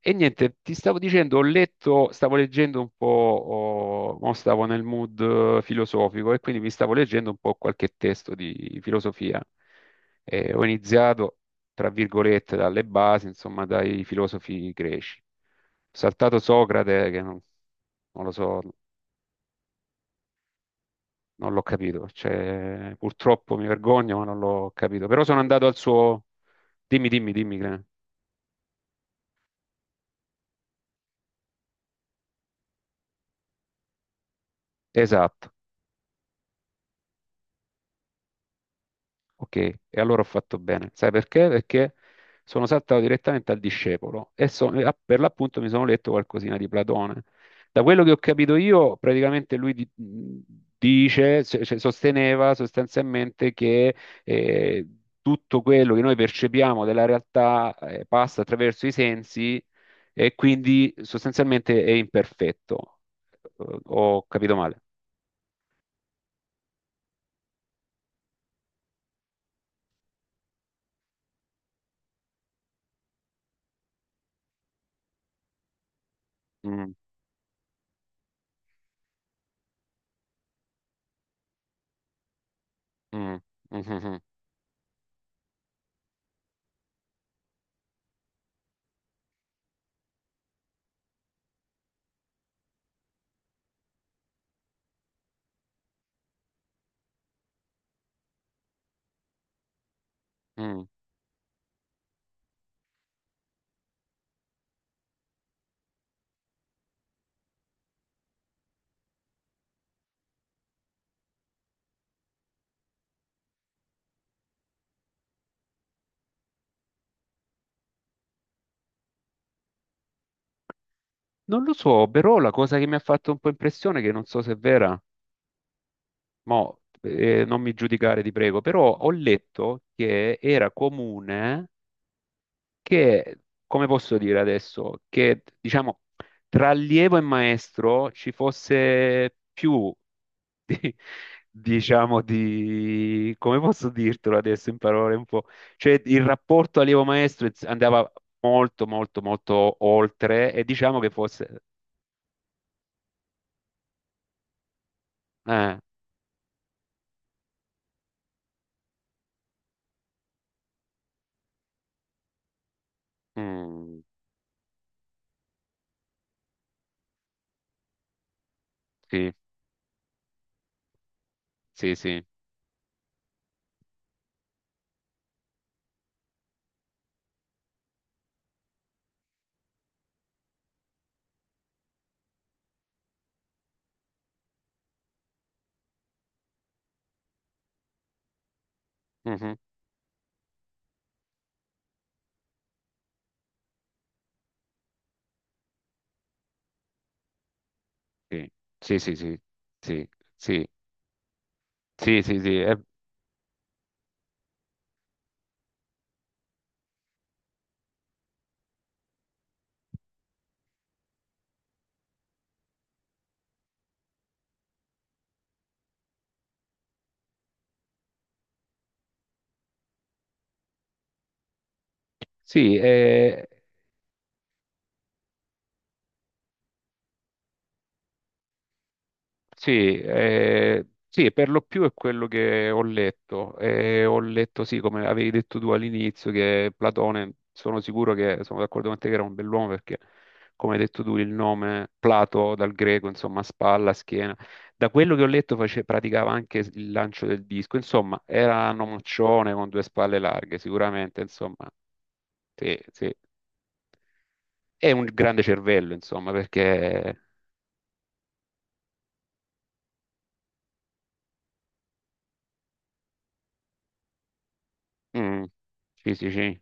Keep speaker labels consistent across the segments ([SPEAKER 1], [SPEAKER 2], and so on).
[SPEAKER 1] E niente, ti stavo dicendo, ho letto, stavo leggendo un po', oh, mo stavo nel mood filosofico e quindi mi stavo leggendo un po' qualche testo di filosofia. E ho iniziato, tra virgolette, dalle basi, insomma, dai filosofi greci. Ho saltato Socrate, che non, non lo so, non l'ho capito. Cioè, purtroppo mi vergogno, ma non l'ho capito. Però sono andato al suo. Dimmi, dimmi, dimmi. Clem. Esatto. Ok, e allora ho fatto bene. Sai perché? Perché sono saltato direttamente al discepolo per l'appunto mi sono letto qualcosina di Platone. Da quello che ho capito io, praticamente dice, cioè sosteneva sostanzialmente che eh, tutto quello che noi percepiamo della realtà passa attraverso i sensi e quindi sostanzialmente è imperfetto. Ho capito male. Mm, mm, mm, mm, mm. Mm. Non lo so, però la cosa che mi ha fatto un po' impressione, che non so se è vera, mo, non mi giudicare ti prego, però ho letto che era comune che, come posso dire adesso, che diciamo tra allievo e maestro ci fosse più, di- diciamo, di, come posso dirtelo adesso in parole un po', cioè il rapporto allievo-maestro andava molto, molto, molto oltre e diciamo che fosse. Eh, mm, sì. Sì, sì. Mhm. Sì, sì, sì, sì, sì, sì, sì, sì, sì, sì, sì, sì, per lo più è quello che ho letto. Ho letto, sì, come avevi detto tu all'inizio, che Platone, sono sicuro che sono d'accordo con te che era un bell'uomo perché, come hai detto tu, il nome Plato dal greco, insomma, spalla, schiena. Da quello che ho letto praticava anche il lancio del disco, insomma, era un omaccione con due spalle larghe, sicuramente, insomma, sì, sì. È un grande cervello, insomma, perché. Mm, sì, sì, sì,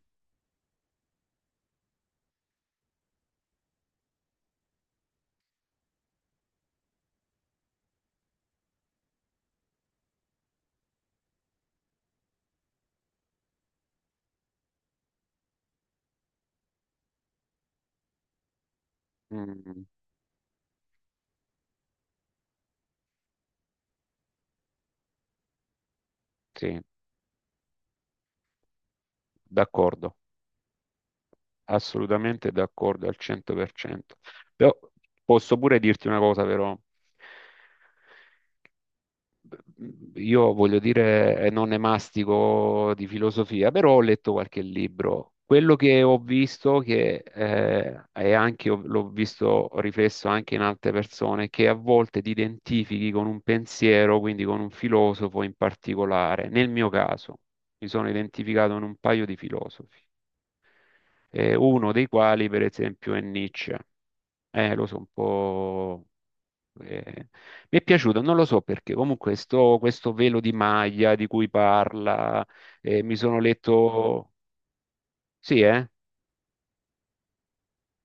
[SPEAKER 1] mm, sì, d'accordo, assolutamente d'accordo al 100%. Però posso pure dirti una cosa, però. Io voglio dire, non ne mastico di filosofia, però ho letto qualche libro. Quello che ho visto, che è anche, l'ho visto riflesso anche in altre persone, che a volte ti identifichi con un pensiero, quindi con un filosofo in particolare. Nel mio caso, mi sono identificato in un paio di filosofi, uno dei quali, per esempio, è Nietzsche. Lo so, un po'. Eh, mi è piaciuto, non lo so perché, comunque sto, questo velo di maglia di cui parla, mi sono letto, sì, eh?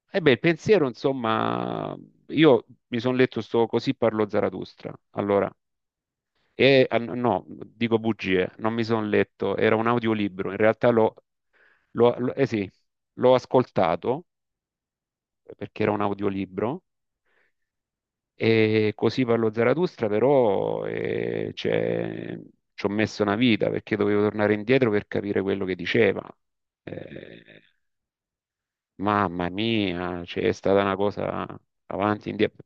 [SPEAKER 1] E beh, il pensiero, insomma, io mi sono letto sto Così parlò Zarathustra, allora, e ah, no, dico bugie, non mi sono letto, era un audiolibro, in realtà eh sì, l'ho ascoltato perché era un audiolibro. E così parlo Zarathustra, però cioè, ci ho messo una vita perché dovevo tornare indietro per capire quello che diceva. Eh, mamma mia, cioè, è stata una cosa avanti, indietro.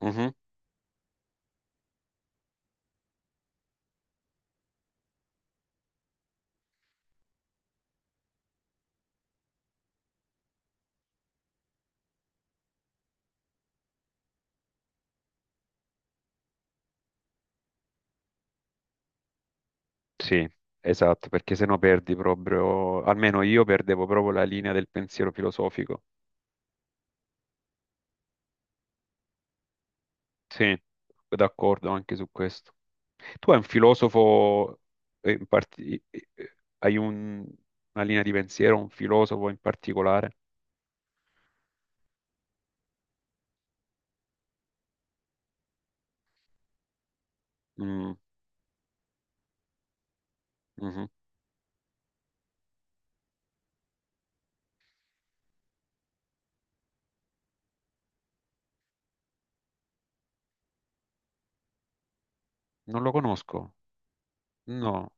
[SPEAKER 1] Mhm, sì, esatto, perché sennò perdi proprio, almeno io perdevo proprio la linea del pensiero filosofico. Sì, d'accordo anche su questo. Tu hai un filosofo, in parti- hai un- una linea di pensiero, un filosofo in particolare? Mm, mhm. Non lo conosco. No.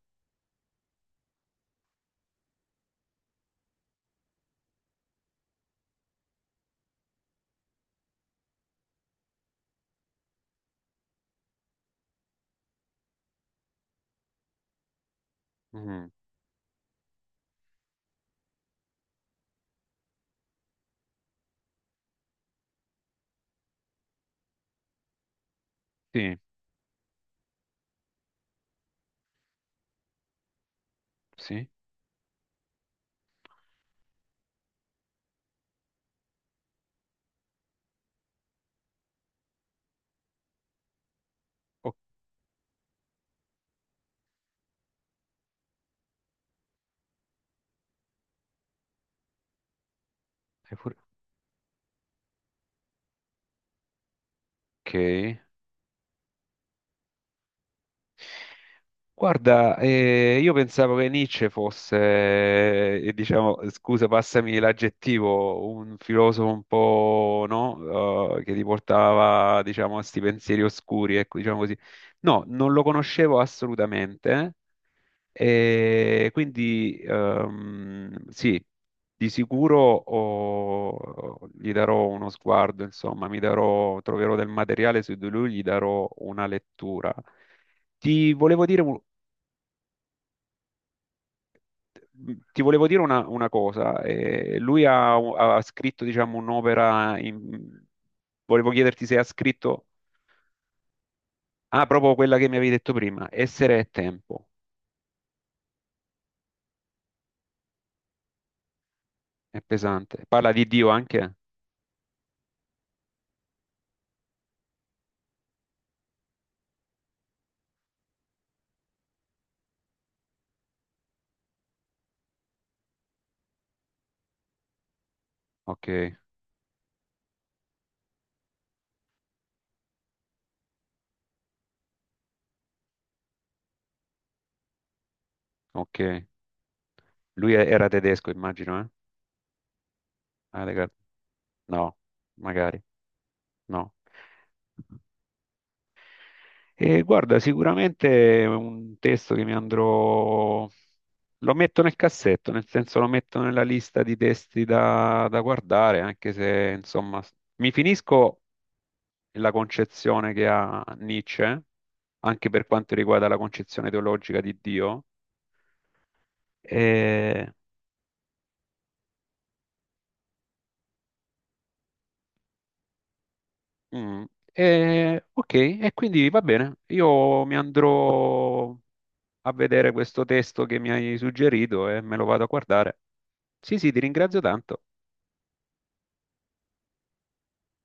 [SPEAKER 1] Mm, sì, sì. Ok. pure- ok. Guarda, io pensavo che Nietzsche fosse, diciamo, scusa, passami l'aggettivo, un filosofo un po', no? Che ti portava, diciamo, a sti pensieri oscuri, ecco, diciamo così. No, non lo conoscevo assolutamente, e quindi sì, di sicuro oh, gli darò uno sguardo, insomma, mi darò, troverò del materiale su di lui, gli darò una lettura. Ti volevo dire un- ti volevo dire una cosa. Lui ha scritto, diciamo, un'opera. Volevo chiederti se ha scritto. Ah, proprio quella che mi avevi detto prima. Essere e tempo. È pesante. Parla di Dio anche? Ok, ok. Lui era tedesco, immagino, eh? Heidegger. No, magari. No. E guarda, sicuramente è un testo che mi andrò. Lo metto nel cassetto, nel senso lo metto nella lista di testi da guardare, anche se, insomma, mi finisco la concezione che ha Nietzsche, anche per quanto riguarda la concezione teologica di Dio. E, mm, ok, e quindi va bene, io mi andrò a vedere questo testo che mi hai suggerito e me lo vado a guardare. Sì, sì, ti ringrazio tanto.